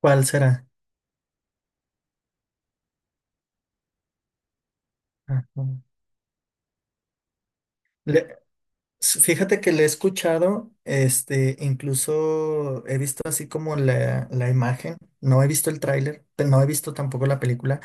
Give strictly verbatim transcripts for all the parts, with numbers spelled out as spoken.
¿Cuál será? Ajá. Le- s- Fíjate que le he escuchado, este, incluso he visto así como la, la imagen, no he visto el tráiler, pe- no he visto tampoco la película,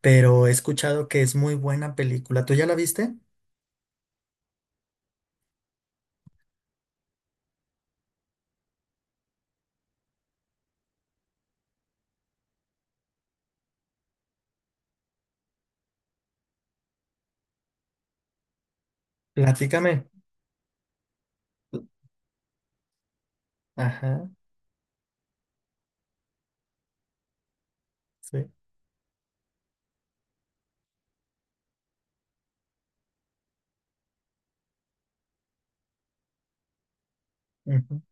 pero he escuchado que es muy buena película. ¿Tú ya la viste? Platícame. Ajá, sí. Ujú.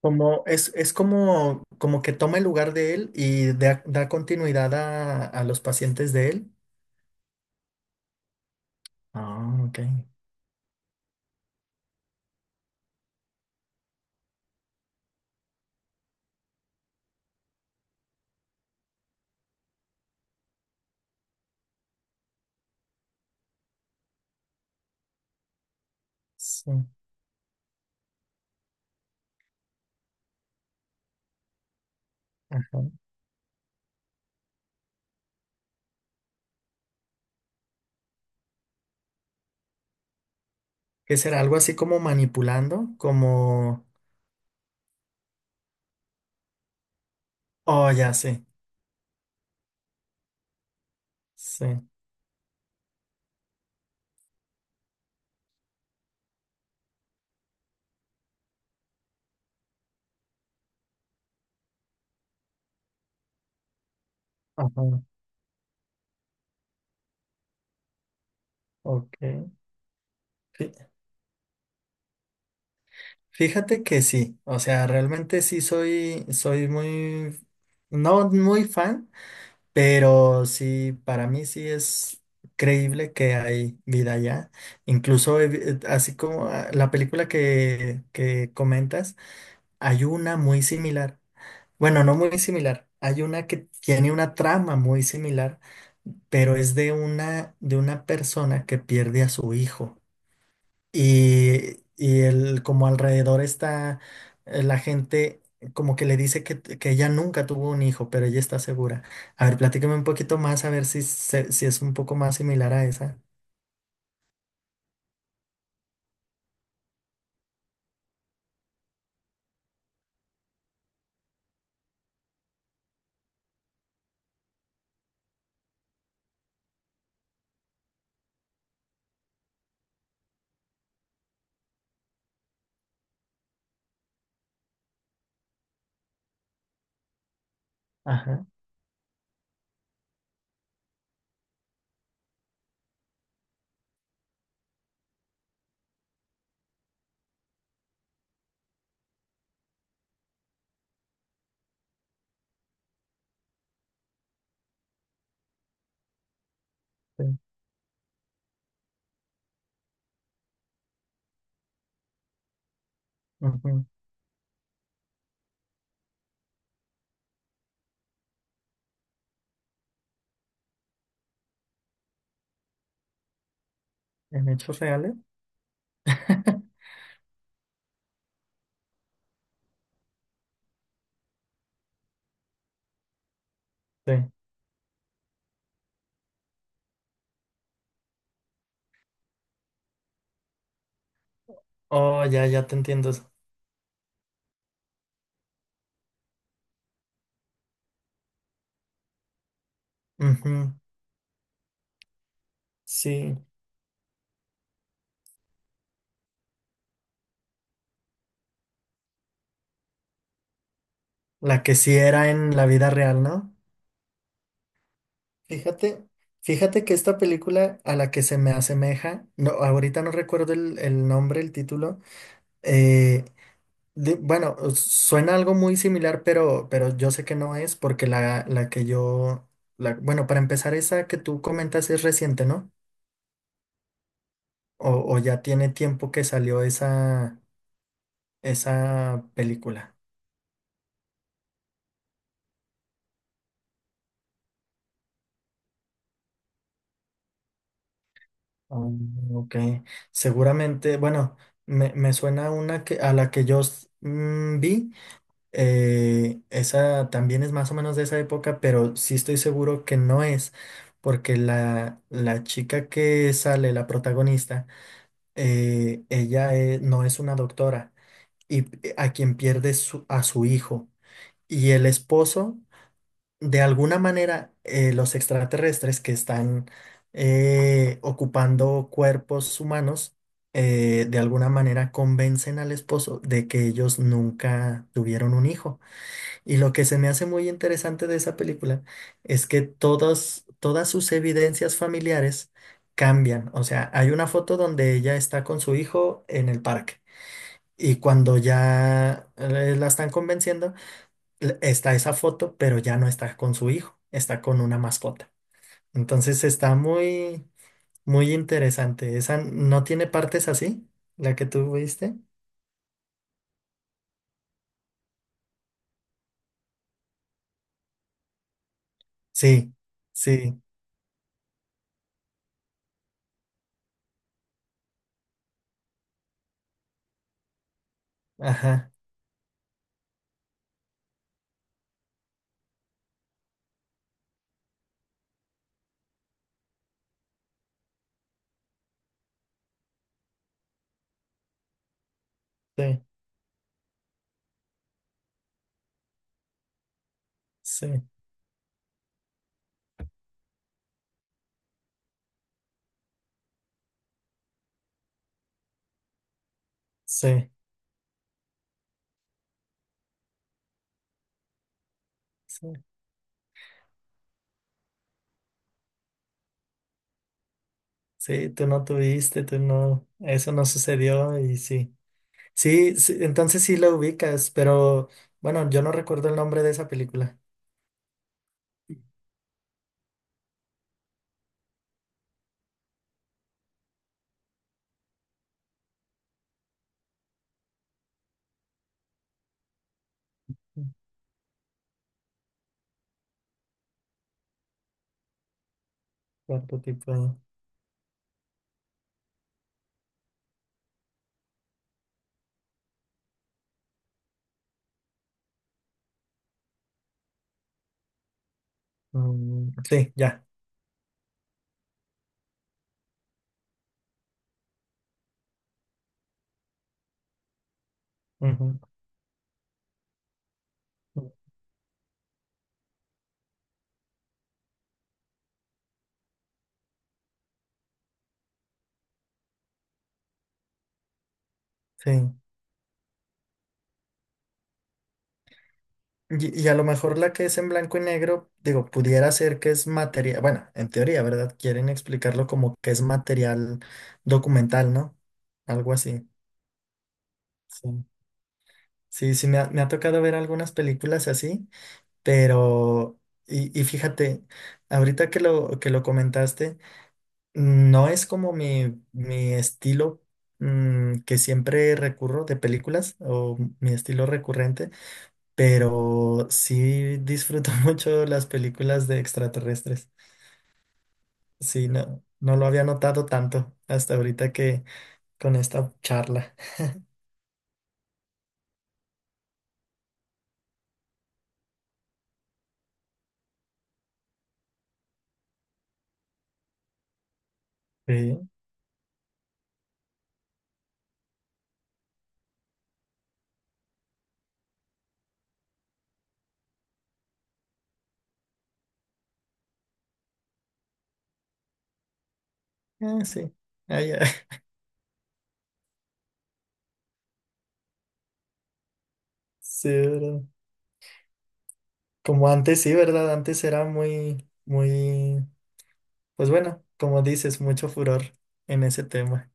Como es, es como, como que toma el lugar de él y da, da continuidad a, a los pacientes de él. Ah, ok. Sí. Ajá. ¿Qué será? Algo así como manipulando, como... Oh, ya sé. Sí. Ajá. Ok. Fí- Fíjate que sí. O sea, realmente sí soy, soy muy... No muy fan, pero sí, para mí sí es creíble que hay vida allá. Incluso he vi- así como ah, la película que, que comentas. Hay una muy similar. Bueno, no muy similar. Hay una que tiene una trama muy similar, pero es de una, de una persona que pierde a su hijo. Y, y el, como alrededor está eh, la gente, como que le dice que, que ella nunca tuvo un hijo, pero ella está segura. A ver, platícame un poquito más, a ver si, se- si es un poco más similar a esa. Ajá, sí. Ujú. ¿En hechos reales? Sí. Oh, ya, ya te entiendo. Ujú. Sí. La que sí era en la vida real, ¿no? Fíjate, fíjate que esta película a la que se me asemeja, no, ahorita no recuerdo el, el nombre, el título, eh, de- bueno, suena algo muy similar, pero, pero yo sé que no es porque la, la que yo, la, bueno, para empezar, esa que tú comentas es reciente, ¿no? O, o ya tiene tiempo que salió esa, esa película. Ah, ok, seguramente, bueno, me, me suena una que, a la que yo s- mm, vi, eh, esa también es más o menos de esa época, pero sí estoy seguro que no es, porque la, la chica que sale, la protagonista, eh, ella eh, no es una doctora y p- a quien pierde su- a su hijo. Y el esposo de alguna manera, eh, los extraterrestres que están eh, ocupando cuerpos humanos, eh, de alguna manera convencen al esposo de que ellos nunca tuvieron un hijo. Y lo que se me hace muy interesante de esa película es que todas todas sus evidencias familiares cambian. O sea, hay una foto donde ella está con su hijo en el parque. Y cuando ya eh, la están convenciendo, l- está esa foto, pero ya no está con su hijo, está con una mascota. Entonces está muy, muy interesante. Esa no tiene partes así, la que tú viste. Sí, sí, ajá, sí, sí, sí, sí, sí, tú no tuviste, tú no, eso no sucedió y sí. Sí, sí, entonces sí la ubicas, pero bueno, yo no recuerdo el nombre de esa película. ¿Cuarto tipo? Mm, sí, ya. Ujú. Sí. Y, y a lo mejor la que es en blanco y negro, digo, pudiera ser que es material, bueno, en teoría, ¿verdad? Quieren explicarlo como que es material documental, ¿no? Algo así. Sí, sí, sí, me ha, me ha tocado ver algunas películas así, pero, y, y fíjate, ahorita que lo, que lo comentaste, no es como mi, mi estilo mm, que siempre recurro de películas o mi estilo recurrente. Pero sí disfruto mucho las películas de extraterrestres. Sí, no, no lo había notado tanto hasta ahorita que con esta charla. Sí, ah, sí, ah, ya. Sí, ¿verdad? Como antes, sí, ¿verdad? Antes era muy, muy, pues bueno, como dices, mucho furor en ese tema.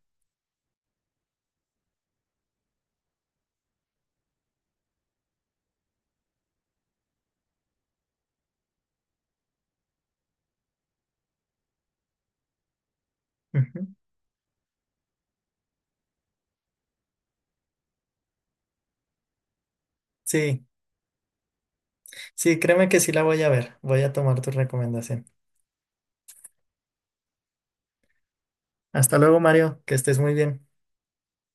Ujú. Sí, sí, créeme que sí la voy a ver. Voy a tomar tu recomendación. Hasta luego, Mario, que estés muy bien.